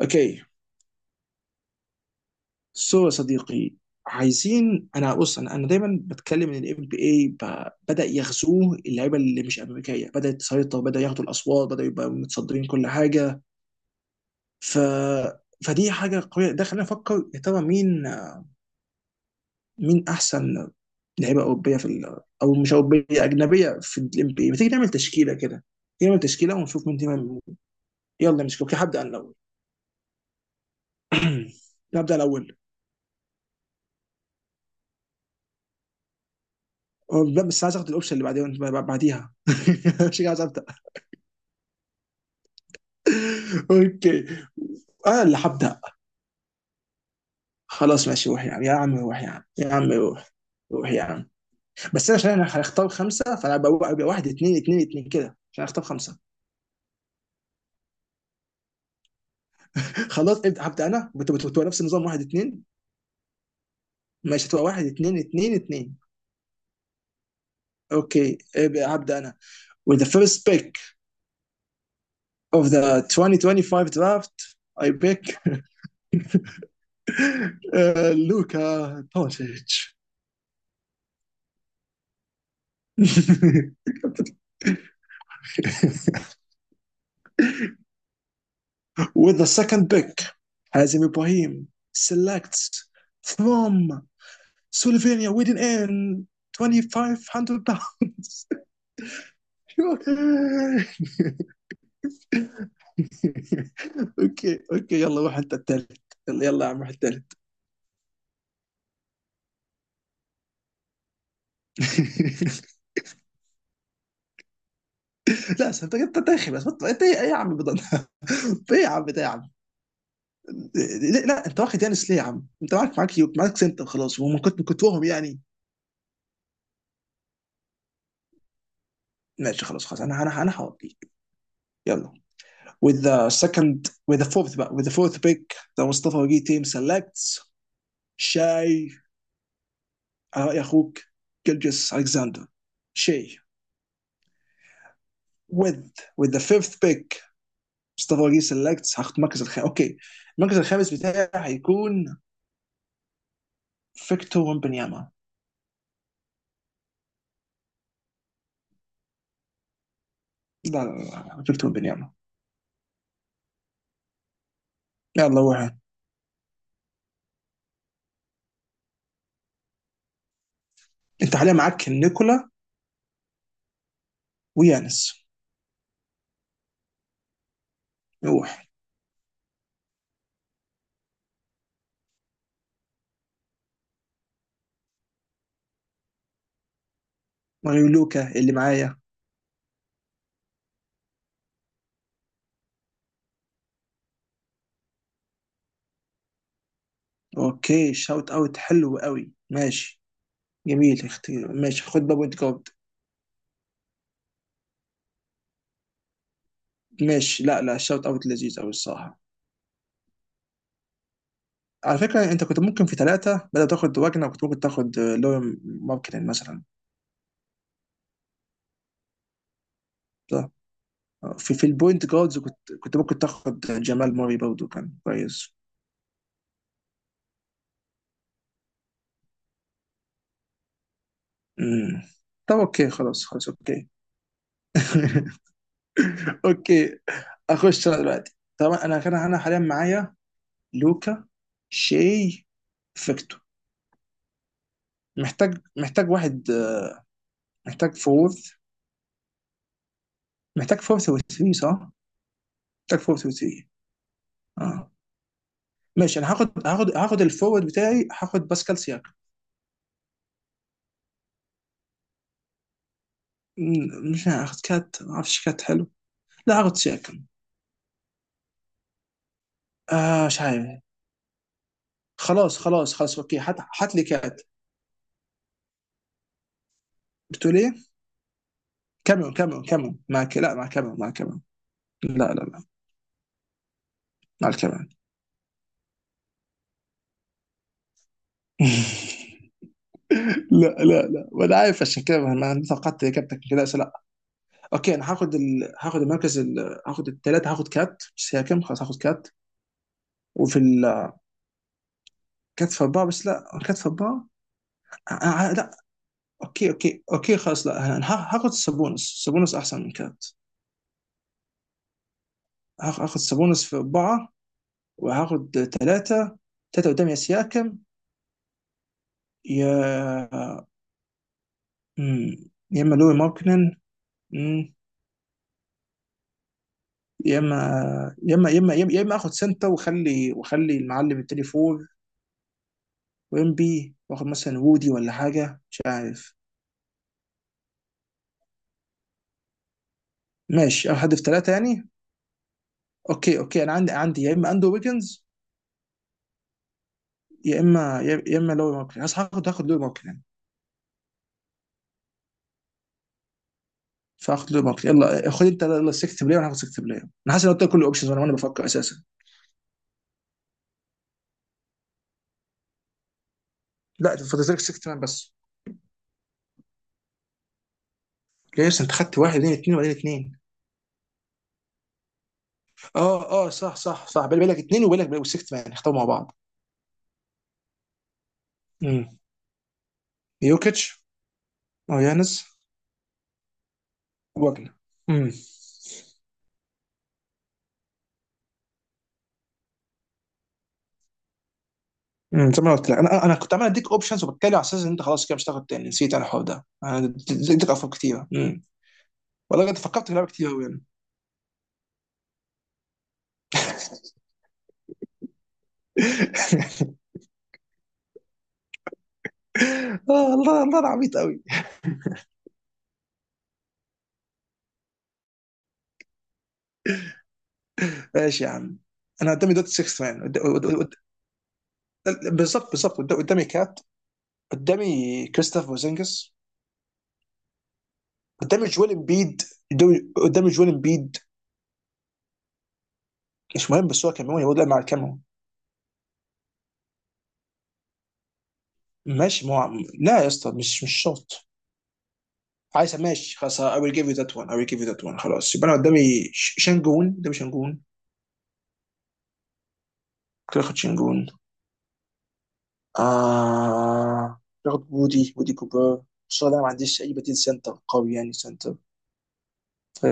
اوكي، سو يا صديقي، عايزين. انا بص، انا دايما بتكلم ان الام بي اي بدا يغزوه اللعيبه اللي مش امريكيه، بدات تسيطر، بدا ياخدوا الاصوات، بدا يبقى متصدرين كل حاجه. ف فدي حاجه قويه، ده خلينا نفكر يا ترى مين احسن لعيبه اوروبيه في او مش اوروبيه، اجنبيه، في الام بي اي. ما تيجي نعمل تشكيله كده، نعمل تشكيله ونشوف مين. تمام، يلا، مش اوكي، هبدا انا الاول. نبدا الاول. بس عايز اخد الاوبشن اللي بعدين بعديها. مش عايز ابدا. اوكي، انا اللي هبدا. خلاص ماشي، روح يا عم يا عم، روح يا عم يا عم، روح. روح يا عم. بس انا عشان انا هختار خمسه، فانا ابقى واحد اثنين اثنين اثنين كده عشان اختار خمسه. خلاص ابدا، هبدا انا. بتبقى نفس النظام، واحد اثنين. ماشي، هتبقى واحد اثنين اثنين اثنين. اوكي، ابقى هبدا انا. With the first pick of the 2025 draft, I pick Luka Doncic. With the second pick, Hazim Ibrahim selects from Slovenia with an N, 2500 باوندز. اوكي اوكي، يلا روح، انت الثالث. يلا يلا يا عم، روح الثالث. لا، انت داخل بس بطل. انت ايه يا عم؟ بضل ايه يا عم ده يا عم؟ لا، انت واخد يانس ليه يا عم؟ انت معاك يوك، معاك سنتر خلاص، وما كنت وهم يعني. ماشي خلاص خلاص، انا هوديك. يلا. With the second, with the fourth, with the fourth pick, the Mustafa Wagi team selects Shay، على رأي أخوك، جلجس ألكساندر. شي with with the fifth pick. مصطفى وجيه سيلكتس، هاخد المركز الخامس. اوكي، المركز الخامس بتاعي هيكون فيكتور ومبنياما. لا لا لا، فيكتور ومبنياما. يلا روح. انت حاليا معاك نيكولا ويانس. روح. ماريو لوكا اللي معايا. اوكي، شاوت اوت حلو قوي. ماشي جميل اختي، ماشي، خد بابوينت جارد. ماشي، لا لا، شوت اوت لذيذ قوي الصراحه. على فكره، انت كنت ممكن في ثلاثه بدل تاخد واجنر، كنت ممكن تاخد لوري ماركتن مثلا. صح. في في البوينت جاردز، كنت ممكن تاخد جمال موري برضه، كان كويس. امم طب اوكي، خلاص خلاص، اوكي. اوكي، اخش انا دلوقتي. طبعا انا حاليا معايا لوكا، شي، فيكتور. محتاج واحد، محتاج فورث محتاج فورث و3، صح؟ محتاج فورث و3. اه ماشي، انا هاخد، هاخد الفورورد بتاعي، هاخد باسكال سياكم. مش هاخد كات، ما اعرفش، كات حلو. لا، هاخد سياكم. آه، مش عارف، خلاص خلاص خلاص، اوكي، هات. هات لي كات. بتقول ايه؟ كاميرون، كاميرون كاميرون، لا، مع كاميرون، مع كاميرون. لا لا لا، مع الكاميرون. لا لا لا، وانا عارف، عشان كده ما توقعت اجابتك كده. بس لا. اوكي، انا هاخد هاخد المركز هاخد الثلاثه، هاخد كات سياكم. خلاص، هاخد كات. وفي كات في اربعه، بس لا، كات في اربعه. آه، آه، آه، لا. اوكي اوكي اوكي خلاص، لا، انا هاخد سابونس، سابونس احسن من كات. هاخد سابونس في اربعه. وهاخد ثلاثه، ثلاثه قدام يا سياكم. يا مم، يا اما لوي ماركنن، مم، يا اما يا اما اخد سنتا وخلي وخلي المعلم التاني فور، وامبي، واخد مثلا وودي ولا حاجه، مش عارف. ماشي، اخد حد في ثلاثه يعني. اوكي اوكي، انا عندي يا اما اندرو ويجنز، يا اما لوي ماركنن. هاخد لوي ماركنن. فاخد ليبرت، يلا خد انت يلا، سكت بلاير، وانا هاخد سكت بلاير. انا حاسس ان قلت لك كل الاوبشنز، وانا بفكر اساسا. لا، انت فاضلك سكت مان بس. جايز انت خدت واحد اثنين اثنين وبعدين اثنين. اه اه، صح صح صح، بالي بالك اثنين، وبالك والسكت مان اختاروا مع بعض. امم يوكيتش، او يانس، واجنر. امم زي ما قلت لك، انا كنت عمال اديك اوبشنز وبتكلم على اساس ان انت خلاص كده مش هتاخد تاني. نسيت انا الحوار ده، انا اديتك افكار كتيره. والله بجد فكرت في لعبه كتير قوي يعني. الله الله، انا عبيط قوي. ماشي يا عم. انا قدامي دوت 6 مان، بالظبط بالظبط، قدامي كات، قدامي كريستوف بوزينجس، قدامي جويل امبيد، قدامي قدامي جويل امبيد. مش مهم، بس هو كاميرون، يقول لا، مع الكاميرون. ماشي، ما هو، لا يا اسطى، مش شرط. عايز، ماشي خلاص. I will give you that one. خلاص، يبقى انا قدامي شانجون، قدامي شانجون. كده، اخد شانجون. آه اخد وودي كوبر. بس انا ما عنديش اي بديل سنتر قوي، يعني سنتر.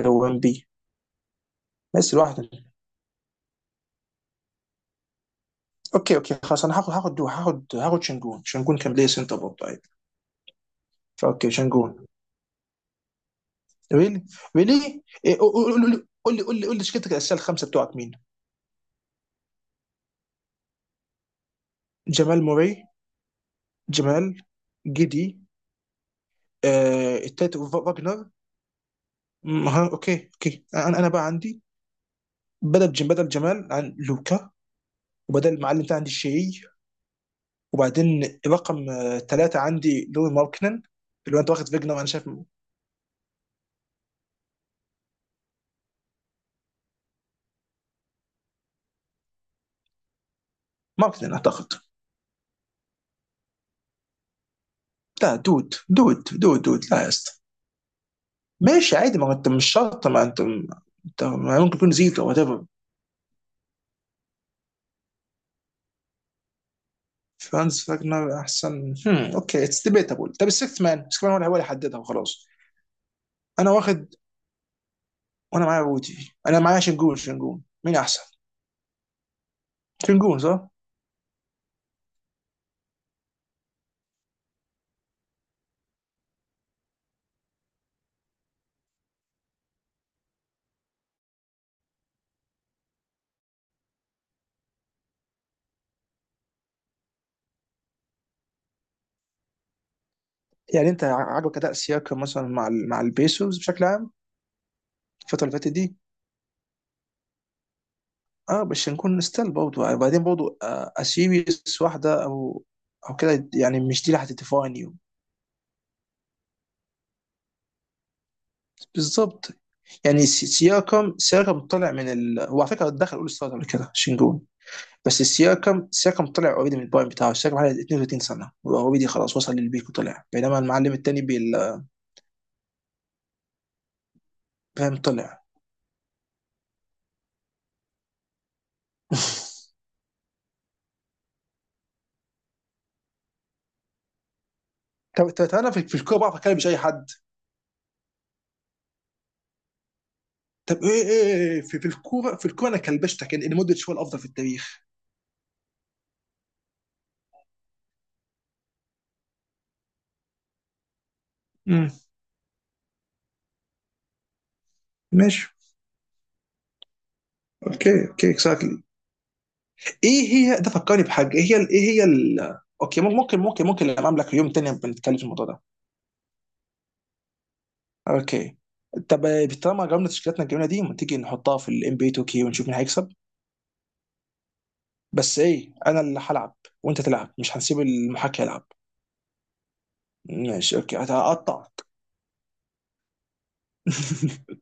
هو ام بي. بس لوحده. اوكي اوكي خلاص، انا هاخد، هاخد شنجون. شنجون كان بلاي سنتر برضه عادي. فاوكي، شنجون. ريلي ريلي قول لي، قول لي تشكيلتك الاساسيه، الخمسه بتوعك مين؟ جمال موري. جمال، جدي. التالت فاجنر. ها، اوكي اوكي، انا بقى عندي بدل جمال عن لوكا، وبدل المعلم بتاعي عندي الشيعي، وبعدين رقم ثلاثه عندي لوي ماركنن. اللي هو انت واخد فيجنر، انا شايف. ماركنن اعتقد. لا دود دود دود دود، لا يا اسطى. ماشي عادي، ما هو انت مش شرط، ما انت، انت ما ممكن يكون زيكو وات ايفر. فرانز فاجنر احسن، هم. اوكي، اتس ديبيتابل. طب السيكس مان، السيكس مان هو اللي حددها وخلاص. انا واخد، وانا معايا رودي، انا معايا شنجون. شنجون، مين احسن؟ شنجون صح؟ يعني انت عاجبك اداء سياكم مثلا مع مع البيسوز بشكل عام، الفتره اللي فاتت دي. اه، بس شنجون ستيل برضه، وبعدين برضه اسيريس واحده او كده، يعني مش دي اللي هتديفاين يو. بالظبط. يعني سياكم طلع من هو على فكره دخل اول ستار قبل كده، شنجون. بس سياكم، سياكم طلع اوريدي، من البوينت بتاعه سياكم على 32 سنه، اوريدي خلاص وصل للبيك وطلع، بينما المعلم التاني فاهم، طلع. طب انا في في الكوره بعرف اكلم مش اي حد. طب ايه ايه في في الكوره، انا كلبشتك ان مودريتش هو الافضل في التاريخ. امم ماشي، اوكي اوكي، اكزاكتلي. ايه هي؟ ده فكرني بحاجه. اوكي، ممكن لما املك يوم تاني بنتكلم في الموضوع ده. اوكي، طب طالما جربنا تشكيلاتنا الجميله دي، ما تيجي نحطها في الام بي 2 كي ونشوف مين هيكسب؟ بس ايه، انا اللي هلعب وانت تلعب، مش هنسيب المحاكي يلعب. ماشي اوكي، هقطعك.